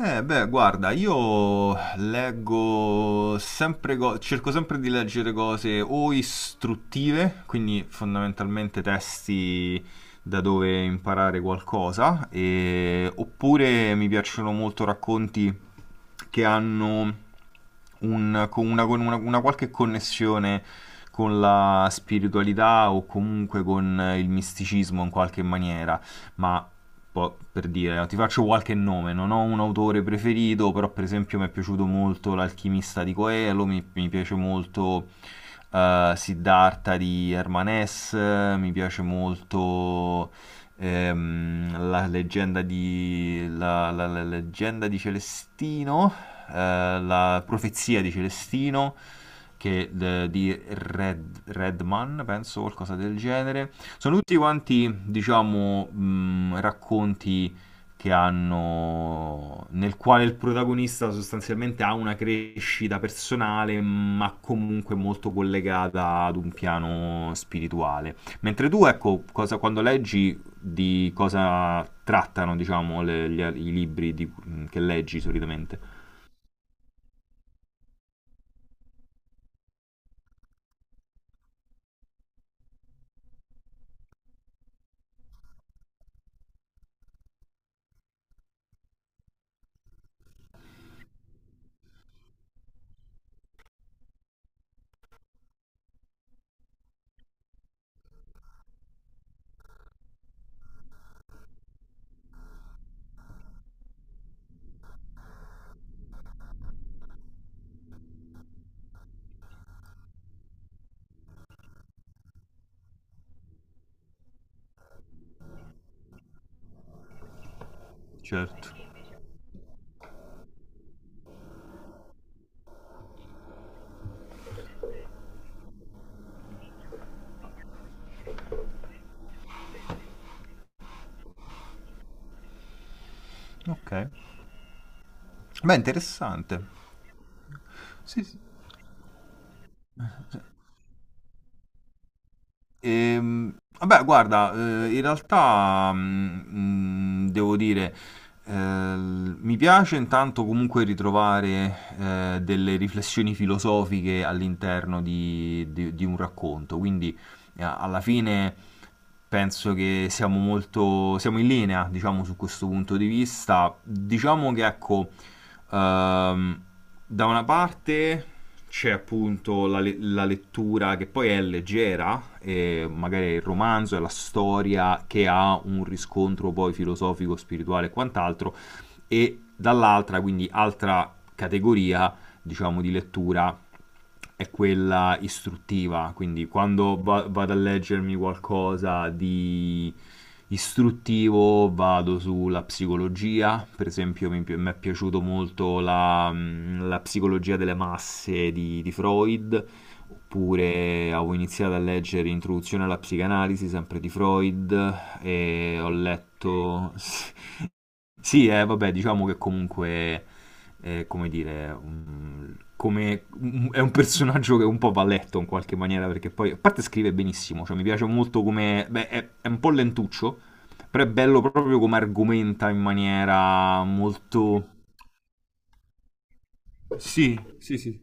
Guarda, io leggo sempre cerco sempre di leggere cose o istruttive, quindi fondamentalmente testi da dove imparare qualcosa, oppure mi piacciono molto racconti che hanno con una, una qualche connessione con la spiritualità o comunque con il misticismo in qualche maniera ma per dire, ti faccio qualche nome, non ho un autore preferito, però per esempio mi è piaciuto molto L'alchimista di Coelho, mi piace molto Siddhartha di Herman Hesse, mi piace molto la leggenda di la leggenda di Celestino, la profezia di Celestino, che, di Red, Redman, penso, qualcosa del genere. Sono tutti quanti, diciamo, racconti che hanno nel quale il protagonista sostanzialmente ha una crescita personale, ma comunque molto collegata ad un piano spirituale. Mentre tu, ecco, quando leggi di cosa trattano, diciamo, i libri che leggi solitamente? Certo. Ok. Beh, interessante. Sì, sì. Vabbè, guarda, in realtà devo dire, mi piace intanto comunque ritrovare delle riflessioni filosofiche all'interno di, di un racconto, quindi alla fine penso che siamo in linea, diciamo, su questo punto di vista. Diciamo che ecco, ehm, da una parte c'è appunto la lettura che poi è leggera, e magari il romanzo e la storia che ha un riscontro poi filosofico, spirituale e quant'altro e dall'altra, quindi altra categoria diciamo di lettura è quella istruttiva, quindi quando vado a leggermi qualcosa di istruttivo vado sulla psicologia, per esempio mi è piaciuto molto la, la psicologia delle masse di Freud, oppure avevo iniziato a leggere Introduzione alla psicanalisi sempre di Freud e ho letto... Sì, vabbè, diciamo che comunque, come dire, è un personaggio che un po' va letto in qualche maniera, perché poi, a parte scrive benissimo, cioè mi piace molto come, beh, è un po' lentuccio, però è bello proprio come argomenta in maniera molto... Sì, sì, sì.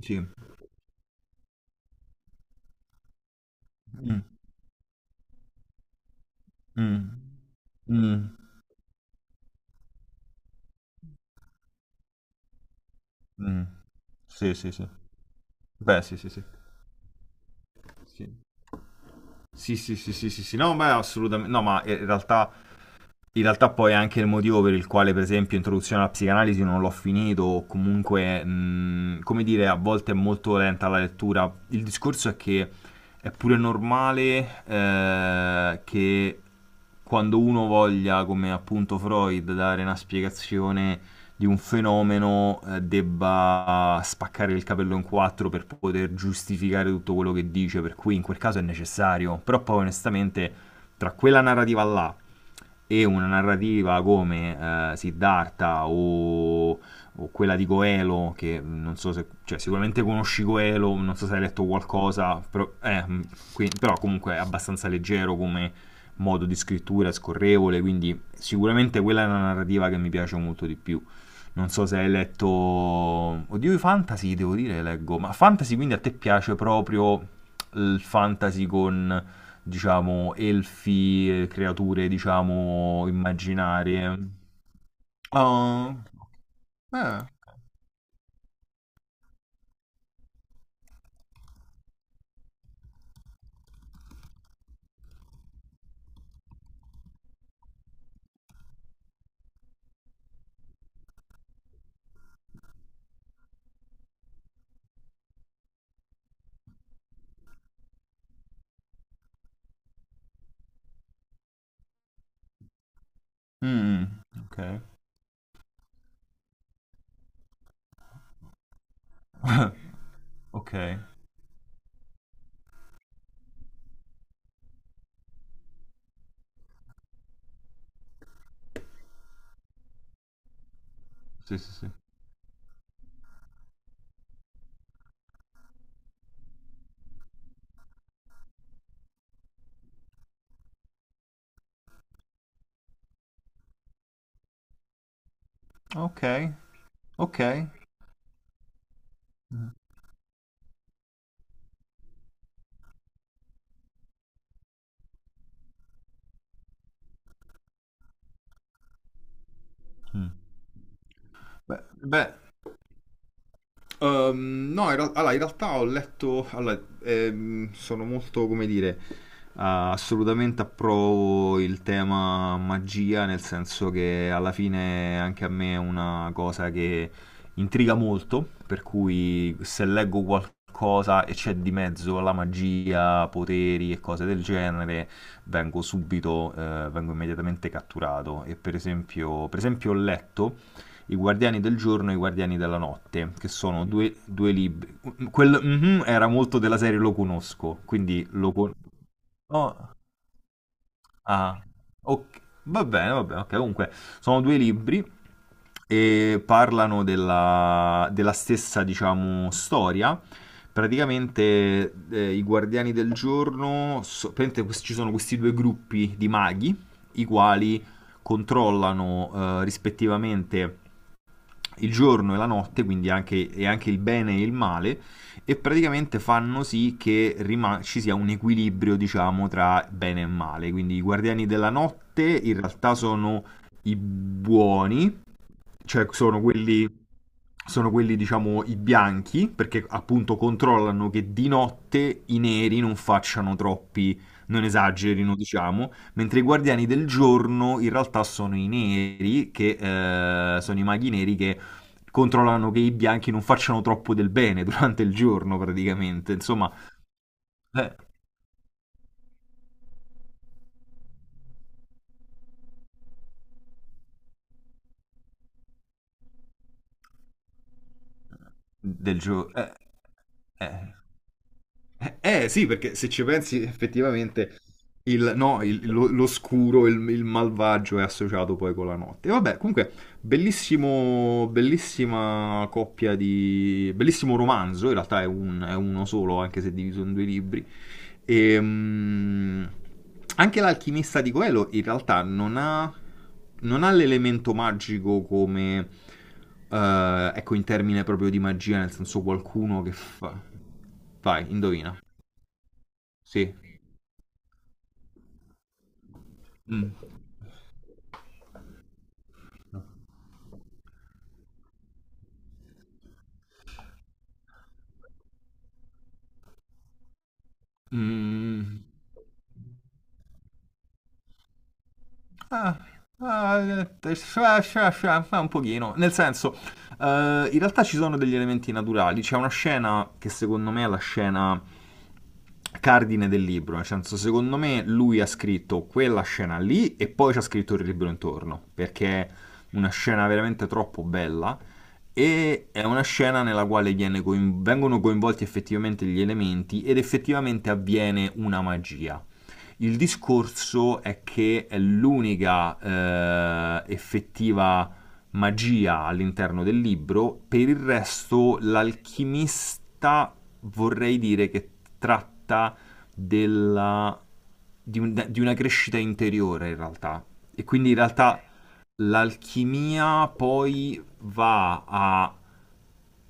Sì. Mm, mm, mm, mm. Sì, sì, sì. Beh, sì, sì, sì. Sì, sì, sì, sì, sì, sì. Sì. No, ma assolutamente... No, ma in realtà... In realtà poi è anche il motivo per il quale, per esempio, Introduzione alla psicanalisi non l'ho finito, o comunque, come dire, a volte è molto lenta la lettura. Il discorso è che è pure normale che quando uno voglia, come appunto Freud, dare una spiegazione di un fenomeno, debba spaccare il capello in quattro per poter giustificare tutto quello che dice, per cui in quel caso è necessario. Però poi onestamente, tra quella narrativa là e una narrativa come Siddhartha o quella di Goelo, che non so se, cioè sicuramente conosci Goelo, non so se hai letto qualcosa, però, però comunque è abbastanza leggero come modo di scrittura, è scorrevole, quindi sicuramente quella è una narrativa che mi piace molto di più. Non so se hai letto... Oddio, i fantasy, devo dire, leggo. Ma fantasy quindi a te piace proprio il fantasy con diciamo, elfi, creature, diciamo, immaginarie. Ah, eh, mm, mm, ok, ok, sì, sì, sì, ok, ok. Mm. Beh, beh, no, allora, in realtà ho letto, allora, sono molto, come dire, ah, assolutamente approvo il tema magia, nel senso che alla fine anche a me è una cosa che intriga molto, per cui se leggo qualcosa e c'è di mezzo la magia, poteri e cose del genere, vengo subito, vengo immediatamente catturato. E per esempio ho letto i Guardiani del Giorno e i Guardiani della Notte, che sono due, due libri. Quel mhm era molto della serie lo conosco, quindi oh, ah, ok, va bene, ok. Comunque, sono due libri e parlano della, della stessa, diciamo, storia. Praticamente, i Guardiani del Giorno, praticamente ci sono questi due gruppi di maghi, i quali controllano, rispettivamente il giorno e la notte, quindi anche, e anche il bene e il male, e praticamente fanno sì che ci sia un equilibrio, diciamo, tra bene e male. Quindi i guardiani della notte in realtà sono i buoni, cioè sono quelli, diciamo, i bianchi, perché appunto controllano che di notte i neri non facciano troppi, non esagerino, diciamo, mentre i guardiani del giorno in realtà sono i neri, che sono i maghi neri che controllano che i bianchi non facciano troppo del bene durante il giorno, praticamente, insomma, eh, del giorno. Sì, perché se ci pensi effettivamente no, l'oscuro, il malvagio è associato poi con la notte. E vabbè, comunque bellissima coppia di... bellissimo romanzo, in realtà è uno solo, anche se diviso in due libri. E, mm, Anche l'alchimista di Coelho in realtà non ha, non ha l'elemento magico come... ecco, in termine proprio di magia, nel senso qualcuno che fa... Vai, indovina. Sì. Mm. Mm. Ah, Scia, scia, scia, ma un pochino. Nel senso, in realtà ci sono degli elementi naturali. C'è una scena che secondo me è la scena cardine del libro. Nel senso, secondo me lui ha scritto quella scena lì e poi ci ha scritto il libro intorno, perché è una scena veramente troppo bella. E è una scena nella quale vengono coinvolti effettivamente gli elementi ed effettivamente avviene una magia. Il discorso è che è l'unica effettiva magia all'interno del libro, per il resto l'alchimista vorrei dire che tratta della, di una crescita interiore in realtà. E quindi in realtà l'alchimia poi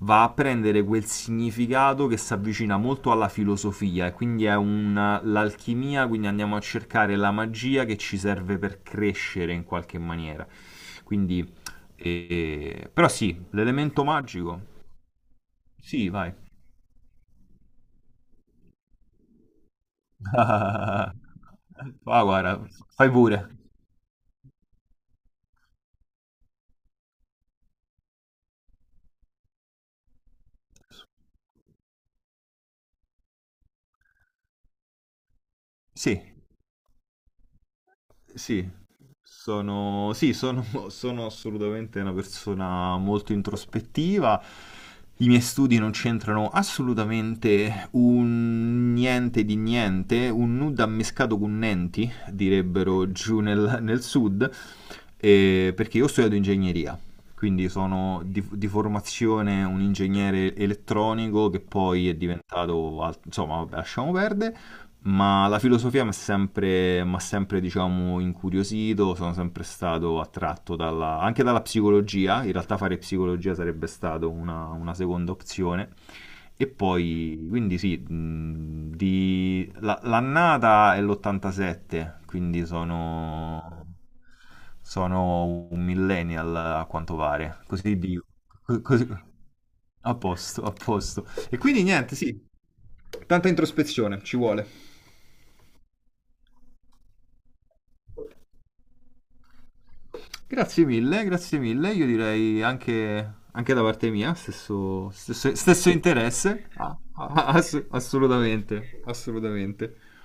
va a prendere quel significato che si avvicina molto alla filosofia e quindi l'alchimia, quindi andiamo a cercare la magia che ci serve per crescere in qualche maniera. Quindi, però sì, l'elemento magico, sì, vai. Ah, guarda, fai pure. Sì, sì. Sono, sì, sono, sono assolutamente una persona molto introspettiva. I miei studi non c'entrano assolutamente un niente di niente, un nudo ammescato con nenti, direbbero giù nel, nel sud, perché io ho studiato ingegneria, quindi sono di formazione un ingegnere elettronico che poi è diventato, insomma, vabbè, lasciamo perdere ma la filosofia mi ha sempre, m'ha sempre, diciamo, incuriosito, sono sempre stato attratto anche dalla psicologia, in realtà fare psicologia sarebbe stata una seconda opzione, e poi, quindi sì, l'annata è l'87, quindi sono, sono un millennial a quanto pare, così dico, Co- così- a posto, a posto. E quindi niente, sì, tanta introspezione ci vuole. Grazie mille, grazie mille. Io direi anche, anche da parte mia, stesso, stesso, stesso interesse. Ah, assolutamente, assolutamente.